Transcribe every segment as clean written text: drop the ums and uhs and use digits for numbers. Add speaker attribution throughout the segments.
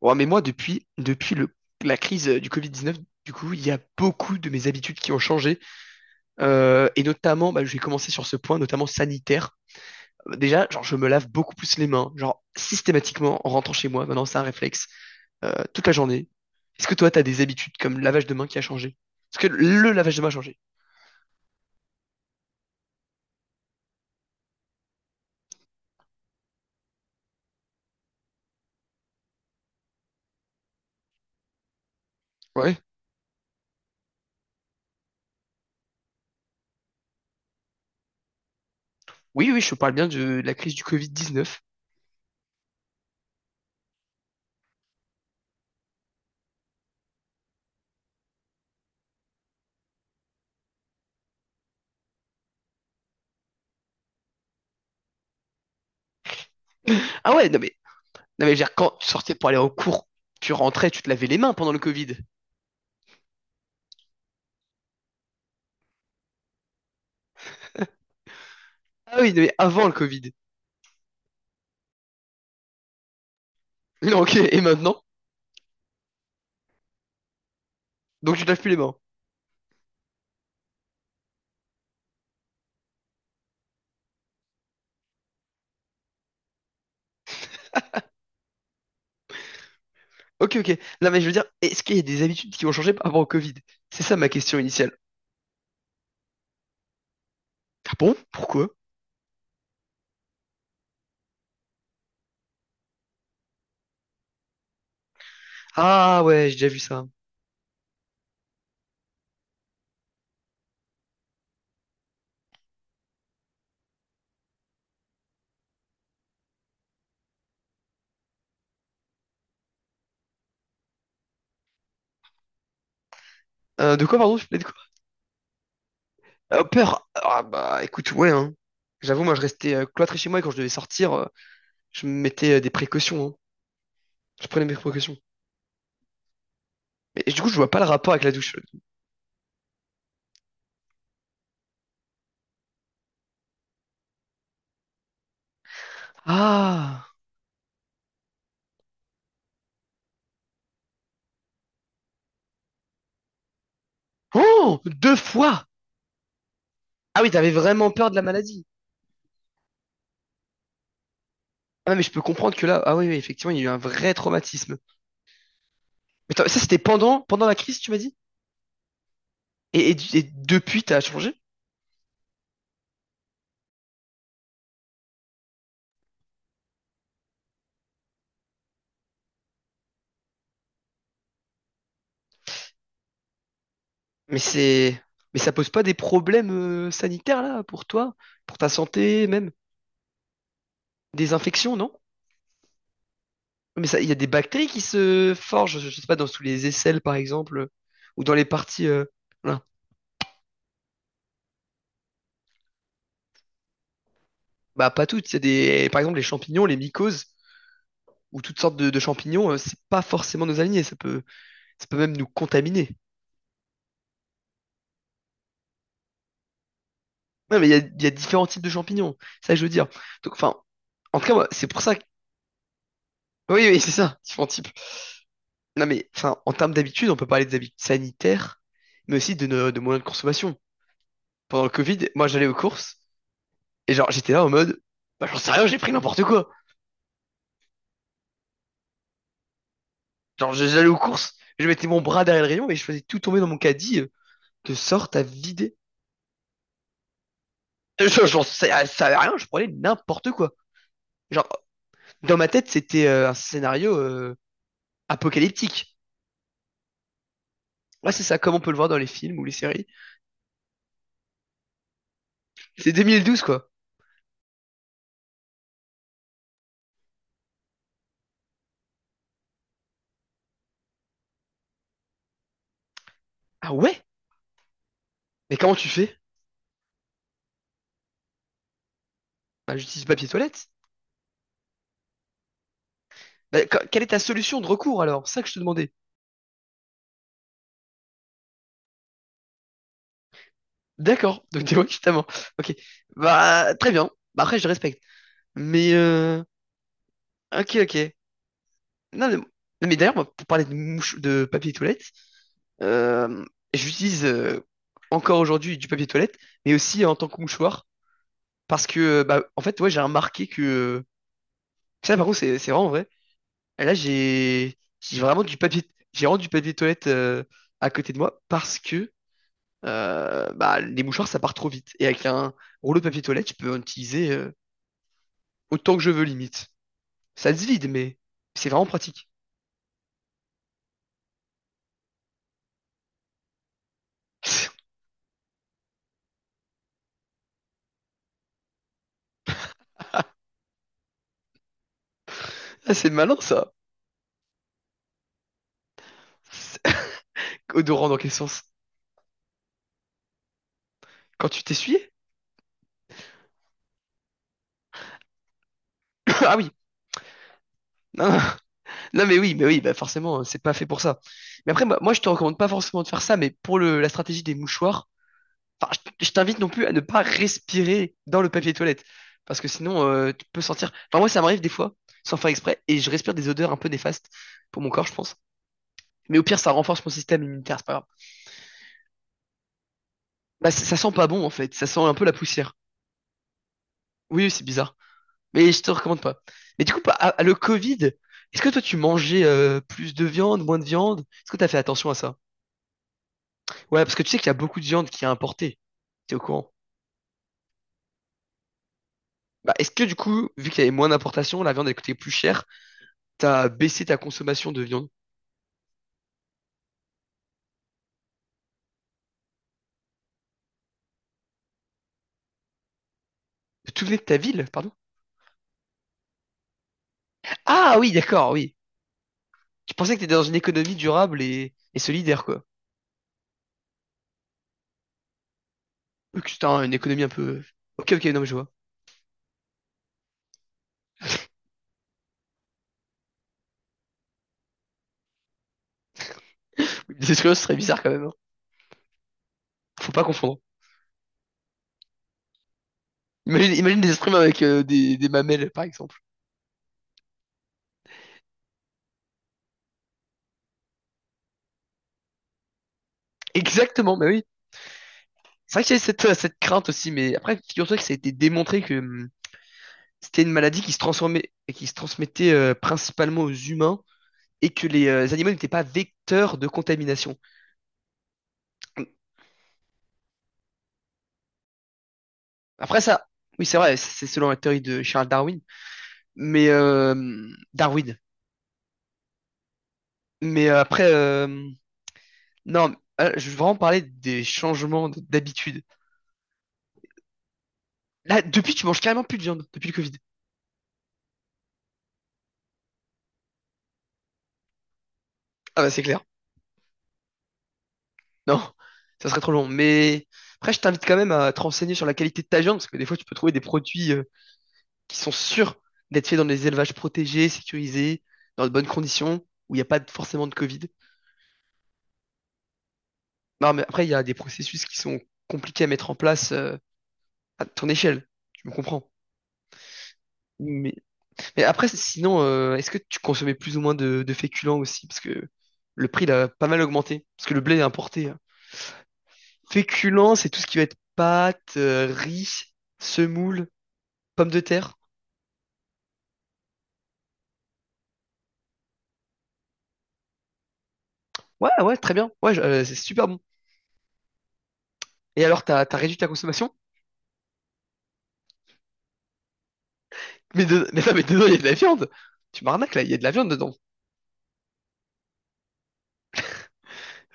Speaker 1: Ouais, mais moi, depuis la crise du covid dix-neuf, du coup, il y a beaucoup de mes habitudes qui ont changé. Et notamment, bah, je vais commencer sur ce point, notamment sanitaire. Déjà, genre, je me lave beaucoup plus les mains, genre, systématiquement, en rentrant chez moi. Maintenant, c'est un réflexe, toute la journée. Est-ce que toi, t'as des habitudes comme le lavage de mains qui a changé? Parce que le lavage de mains a changé. Ouais. Oui, oui, je parle bien de la crise du covid dix-neuf. Ah ouais, non mais je veux dire, quand tu sortais pour aller au cours, tu rentrais, tu te lavais les mains pendant le Covid. Ah oui, mais avant le Covid. Non, ok, et maintenant? Donc tu te laves plus les mains. Ok, ok. Non, mais je veux dire, est-ce qu'il y a des habitudes qui ont changé par rapport au Covid? C'est ça ma question initiale. Ah bon? Pourquoi? Ah ouais, j'ai déjà vu ça. De quoi, pardon? Je parlais de quoi? Peur. Ah bah écoute, ouais, hein. J'avoue, moi je restais cloîtré chez moi et quand je devais sortir, je me mettais des précautions, hein. Je prenais mes précautions. Mais du coup, je vois pas le rapport avec la douche. Ah! Oh! Deux fois! Ah oui, t'avais vraiment peur de la maladie. Ah mais je peux comprendre que là, ah oui, oui, effectivement, il y a eu un vrai traumatisme. Mais attends, ça, c'était pendant la crise, tu m'as dit? Et depuis, t'as changé? Mais c'est, mais ça pose pas des problèmes sanitaires, là, pour toi, pour ta santé, même des infections, non? Mais ça, il y a des bactéries qui se forgent, je sais pas, dans tous les aisselles, par exemple, ou dans les parties, voilà. Bah, pas toutes. C'est des, par exemple, les champignons, les mycoses, ou toutes sortes de champignons, c'est pas forcément nos alignés. Ça peut même nous contaminer. Ouais, mais il y a différents types de champignons. Ça, je veux dire. Donc, enfin, en tout cas, moi, c'est pour ça, Oui, oui, c'est ça, différents types. Non, mais enfin, en termes d'habitude, on peut parler des habitudes sanitaires, mais aussi de moyens de consommation. Pendant le Covid, moi, j'allais aux courses, et genre, j'étais là en mode, bah, j'en sais rien, j'ai pris n'importe quoi. Genre, j'allais aux courses, je mettais mon bras derrière le rayon et je faisais tout tomber dans mon caddie, de sorte à vider. Ça savait rien, je prenais n'importe quoi. Genre, dans ma tête, c'était un scénario apocalyptique. Ouais, c'est ça, comme on peut le voir dans les films ou les séries. C'est 2012, quoi. Ah ouais? Mais comment tu fais? Bah, j'utilise papier toilette. Bah, quelle est ta solution de recours alors? C'est ça que je te demandais. D'accord, donc t'es justement. Ok. Bah très bien. Bah après je respecte. Mais Ok, ok. Non, mais d'ailleurs, moi, pour parler de mouche de papier toilette, euh, j'utilise encore aujourd'hui du papier toilette, mais aussi en tant que mouchoir. Parce que bah en fait ouais j'ai remarqué que. Ça par contre c'est vraiment vrai. Là j'ai vraiment du papier j'ai vraiment du papier toilette à côté de moi parce que bah, les mouchoirs, ça part trop vite. Et avec un rouleau de papier toilette, je peux en utiliser autant que je veux, limite. Ça se vide, mais c'est vraiment pratique. Ah, c'est malin, ça. Odorant dans quel sens? Quand tu t'essuies Ah oui. Non, non. Non, mais oui, bah forcément, c'est pas fait pour ça. Mais après, bah, moi, je te recommande pas forcément de faire ça, mais pour la stratégie des mouchoirs, enfin, je t'invite non plus à ne pas respirer dans le papier toilette. Parce que sinon, tu peux sentir. Enfin, moi, ça m'arrive des fois, sans faire exprès, et je respire des odeurs un peu néfastes pour mon corps, je pense. Mais au pire, ça renforce mon système immunitaire, c'est pas grave. Bah, ça sent pas bon en fait, ça sent un peu la poussière. Oui, oui, c'est bizarre. Mais je te recommande pas. Mais du coup, à le Covid, est-ce que toi tu mangeais plus de viande, moins de viande? Est-ce que t'as fait attention à ça? Ouais, parce que tu sais qu'il y a beaucoup de viande qui est importée. T'es au courant? Bah, est-ce que du coup, vu qu'il y avait moins d'importation, la viande elle coûtait plus cher, t'as baissé ta consommation de viande? Tout venait de ta ville, pardon? Ah oui, d'accord, oui. Tu pensais que t'étais dans une économie durable et solidaire, quoi. Ok, c'était une économie un peu. Ok, ok, non, mais je vois. Des esquimaux, ce serait bizarre quand même. Hein. Faut pas confondre. Imagine, imagine des esprits avec des mamelles, par exemple. Exactement, mais oui. C'est vrai que j'ai cette, cette crainte aussi, mais après, figure-toi que ça a été démontré que c'était une maladie qui se transformait, qui se transmettait principalement aux humains et que les animaux n'étaient pas vecteurs de contamination. Après ça, oui, c'est vrai, c'est selon la théorie de Charles Darwin. Mais après, non, je veux vraiment parler des changements d'habitude. Là, depuis, tu manges carrément plus de viande, depuis le Covid. Ah bah c'est clair. Non, ça serait trop long. Mais après, je t'invite quand même à te renseigner sur la qualité de ta viande, parce que des fois, tu peux trouver des produits qui sont sûrs d'être faits dans des élevages protégés, sécurisés, dans de bonnes conditions, où il n'y a pas forcément de Covid. Non, mais après, il y a des processus qui sont compliqués à mettre en place à ton échelle. Tu me comprends. Mais, mais après, sinon, est-ce que tu consommais plus ou moins de féculents aussi? Parce que le prix, il a pas mal augmenté, parce que le blé est importé. Hein. Féculents, c'est tout ce qui va être pâtes, riz, semoule. Pommes de terre. Ouais, ouais, très bien. C'est super bon. Et alors, t'as réduit ta consommation? Mais, mais non, mais dedans, il y a de la viande. Tu m'arnaques là, il y a de la viande dedans.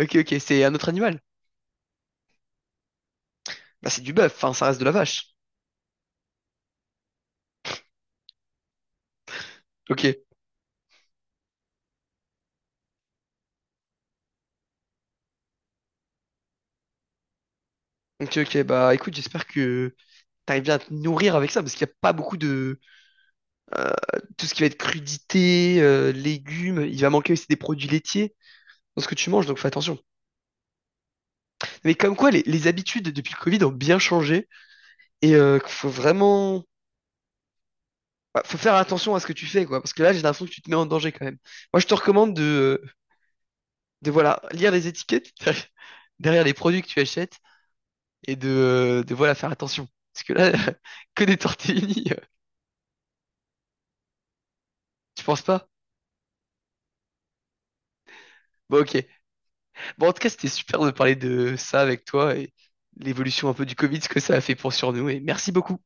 Speaker 1: Ok, ok, c'est un autre animal. Bah, c'est du bœuf, enfin, ça reste de la vache. Ok, ok, bah écoute, j'espère que t'arrives bien à te nourrir avec ça, parce qu'il n'y a pas beaucoup de. euh, Tout ce qui va être crudité, légumes, il va manquer aussi des produits laitiers dans ce que tu manges, donc fais attention. Mais comme quoi, les habitudes depuis le Covid ont bien changé et faut vraiment bah, faut faire attention à ce que tu fais, quoi. Parce que là, j'ai l'impression que tu te mets en danger quand même. Moi, je te recommande de voilà, lire les étiquettes derrière les produits que tu achètes et de voilà, faire attention. Parce que là, que des tortellini, tu penses pas? Bon, ok. Bon, en tout cas, c'était super de parler de ça avec toi et l'évolution un peu du Covid, ce que ça a fait pour sur nous. Et merci beaucoup.